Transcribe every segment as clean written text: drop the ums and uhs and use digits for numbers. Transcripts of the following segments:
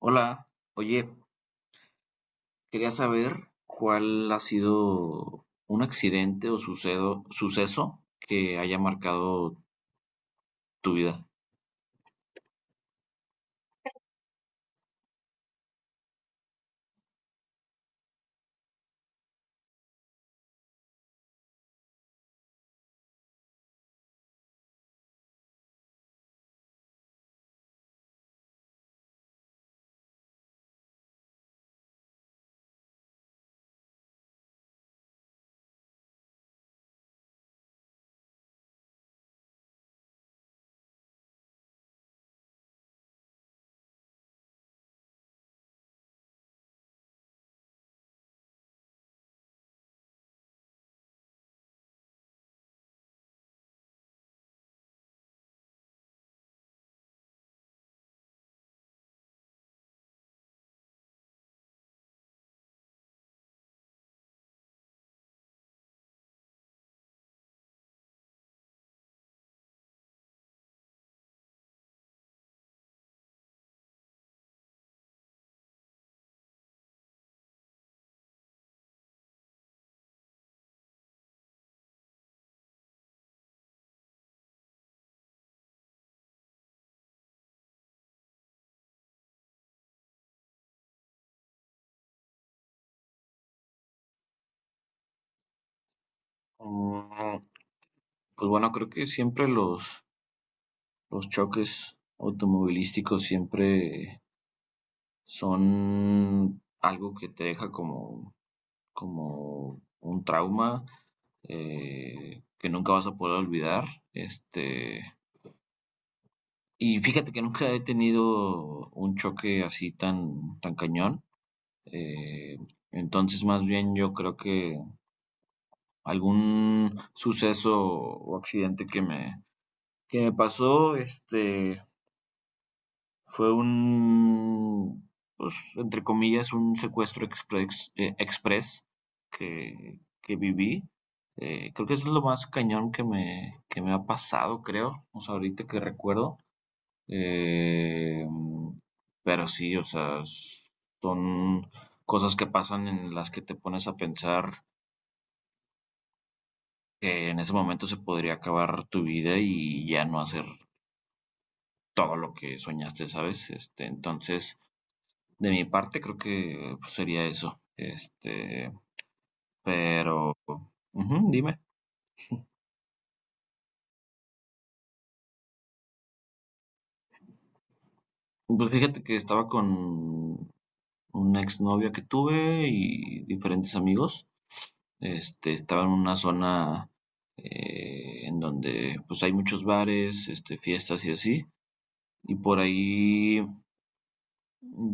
Hola, oye, quería saber cuál ha sido un accidente o suceso que haya marcado tu vida. Mm, Pues bueno, creo que siempre los choques automovilísticos siempre son algo que te deja, como un trauma, que nunca vas a poder olvidar. Este, y fíjate que nunca he tenido un choque así tan, cañón. Eh, entonces, más bien yo creo que algún suceso o accidente que me pasó, este, fue un, pues, entre comillas, un secuestro express, que viví. Creo que eso es lo más cañón que me ha pasado, creo. O sea, ahorita que recuerdo. Eh, pero sí, o sea, son cosas que pasan en las que te pones a pensar que en ese momento se podría acabar tu vida y ya no hacer todo lo que soñaste, ¿sabes? Este, entonces, de mi parte creo que pues sería eso. Este, pero... Ujú, dime. Pues fíjate que estaba con una exnovia que tuve y diferentes amigos. Este, estaba en una zona, en donde pues hay muchos bares, este, fiestas y así. Y por ahí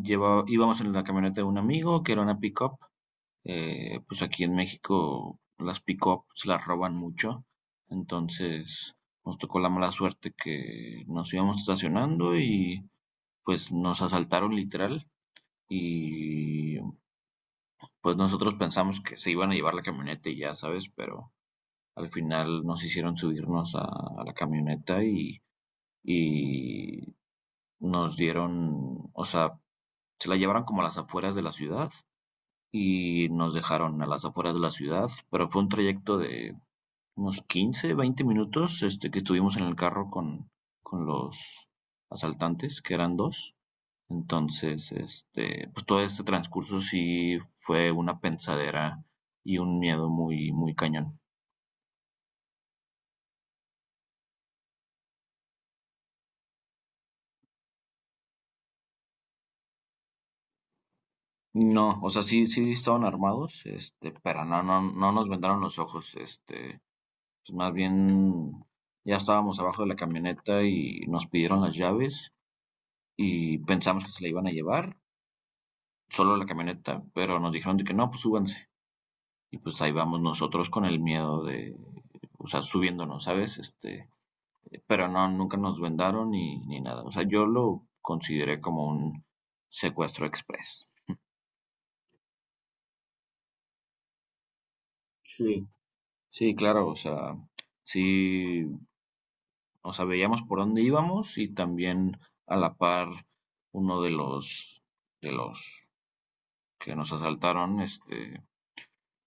íbamos en la camioneta de un amigo que era una pick-up. Pues aquí en México las pick-up se las roban mucho, entonces nos tocó la mala suerte que nos íbamos estacionando y pues nos asaltaron literal, y pues nosotros pensamos que se iban a llevar la camioneta y ya sabes, pero al final nos hicieron subirnos a la camioneta, y nos dieron, o sea, se la llevaron como a las afueras de la ciudad y nos dejaron a las afueras de la ciudad, pero fue un trayecto de unos 15 20 minutos, este, que estuvimos en el carro con los asaltantes, que eran dos. Entonces, este, pues todo este transcurso sí fue una pensadera y un miedo muy, cañón. No, o sea, sí, estaban armados, este, pero no, no, no nos vendaron los ojos, este, pues más bien ya estábamos abajo de la camioneta y nos pidieron las llaves y pensamos que se la iban a llevar, solo la camioneta, pero nos dijeron de que no, pues súbanse. Y pues ahí vamos nosotros con el miedo de, o sea, subiéndonos, ¿sabes? Este, pero no, nunca nos vendaron ni nada. O sea, yo lo consideré como un secuestro express. Sí. Sí, claro, o sea, sí, o sea, veíamos por dónde íbamos y también a la par uno de los, de los que nos asaltaron, este,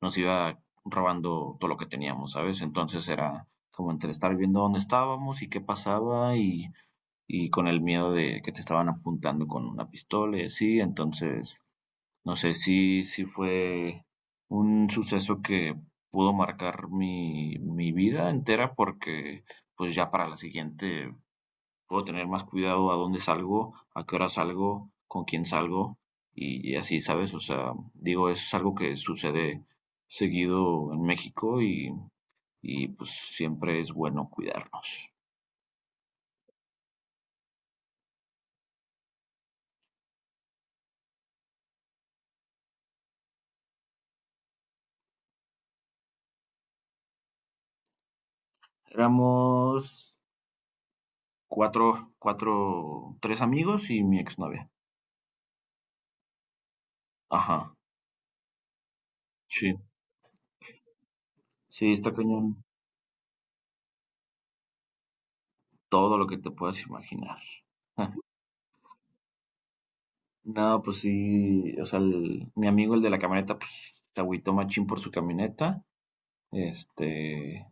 nos iba robando todo lo que teníamos, ¿sabes? Entonces era como entre estar viendo dónde estábamos y qué pasaba, y con el miedo de que te estaban apuntando con una pistola y así. Entonces, no sé, si sí, fue un suceso que pudo marcar mi, vida entera, porque pues ya para la siguiente puedo tener más cuidado a dónde salgo, a qué hora salgo, con quién salgo y, así, ¿sabes? O sea, digo, es algo que sucede seguido en México y, pues siempre es bueno cuidarnos. Éramos cuatro, tres amigos y mi exnovia. Ajá, sí. Sí, está cañón todo lo que te puedas imaginar. No, pues sí, o sea, mi amigo, el de la camioneta, pues se agüitó machín por su camioneta. Este,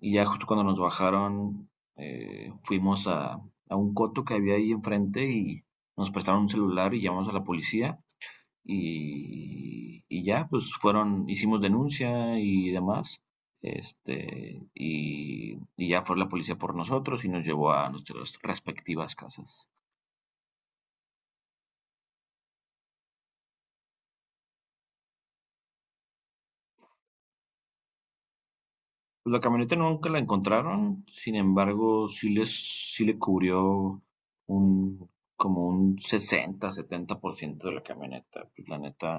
y ya justo cuando nos bajaron, fuimos a, un coto que había ahí enfrente y nos prestaron un celular y llamamos a la policía. Y, ya, pues fueron, hicimos denuncia y demás. Este, y, ya fue la policía por nosotros y nos llevó a nuestras respectivas casas. Pues la camioneta nunca la encontraron, sin embargo, sí le cubrió un, como un 60 70% de la camioneta. Pues la neta,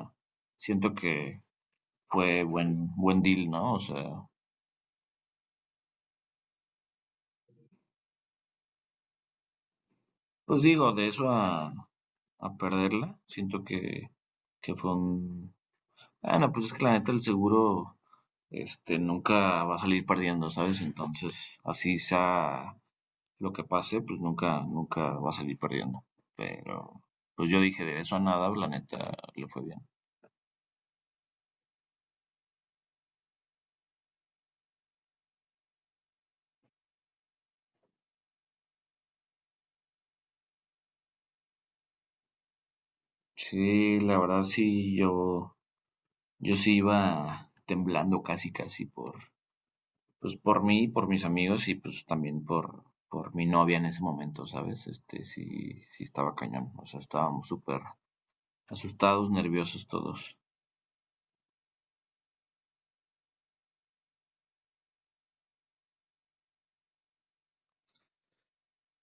siento que fue buen, deal, ¿no? O sea, pues digo, de eso a, perderla, siento que fue un. Ah, no, pues es que la neta el seguro, este, nunca va a salir perdiendo, ¿sabes? Entonces, así sea lo que pase, pues nunca, va a salir perdiendo. Pero, pues yo dije, de eso a nada, la neta, le fue bien. Sí, la verdad sí, yo, sí iba temblando casi, casi por, pues por mí, por mis amigos y pues también por, mi novia en ese momento, ¿sabes? Este, sí, estaba cañón, o sea, estábamos súper asustados, nerviosos todos.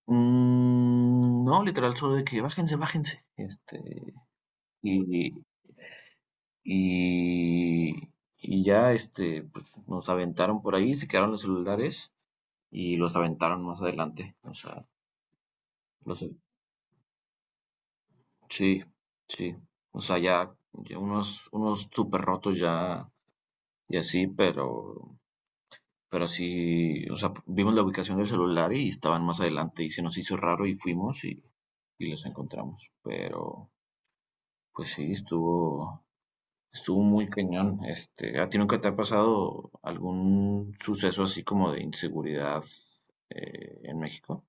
No, literal, solo de que bájense, bájense. Este, y, y, y ya, este, pues, nos aventaron por ahí, se quedaron los celulares y los aventaron más adelante. O sea, los, sí, sí. O sea, ya, ya unos súper rotos ya y así, pero, sí, o sea, vimos la ubicación del celular y estaban más adelante y se nos hizo raro y fuimos y, los encontramos. Pero, pues sí, estuvo muy cañón. Este, ¿a ti nunca te ha pasado algún suceso así como de inseguridad, en México?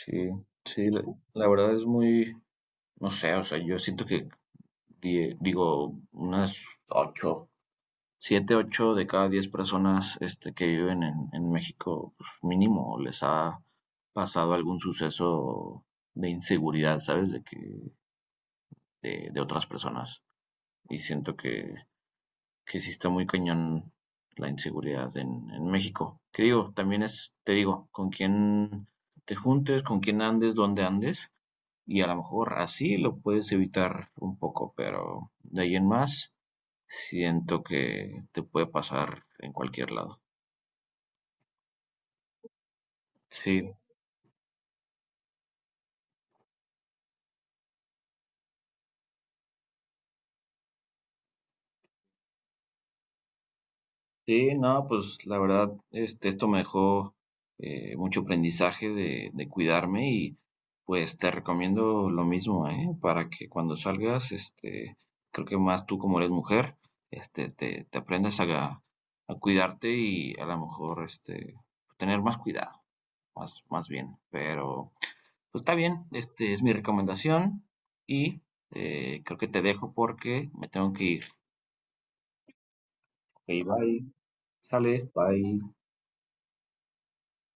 Sí, sí, la, verdad es muy, no sé, o sea, yo siento que, digo, unas ocho, siete, ocho de cada 10 personas, este, que viven en, México, pues mínimo les ha pasado algún suceso de inseguridad, ¿sabes? De que, de otras personas. Y siento que sí está muy cañón la inseguridad en, México. Que digo, también es, te digo, con quién te juntes, con quién andes, dónde andes, y a lo mejor así lo puedes evitar un poco, pero de ahí en más siento que te puede pasar en cualquier lado. Sí, sí, no, pues la verdad, este, esto me dejó, mucho aprendizaje de, cuidarme y pues te recomiendo lo mismo, ¿eh? Para que cuando salgas, este, creo que más tú como eres mujer, este, te, aprendas a, cuidarte y a lo mejor, este, tener más cuidado, más, bien. Pero pues está bien, este es mi recomendación y creo que te dejo porque me tengo que ir. Ok, bye, sale, bye.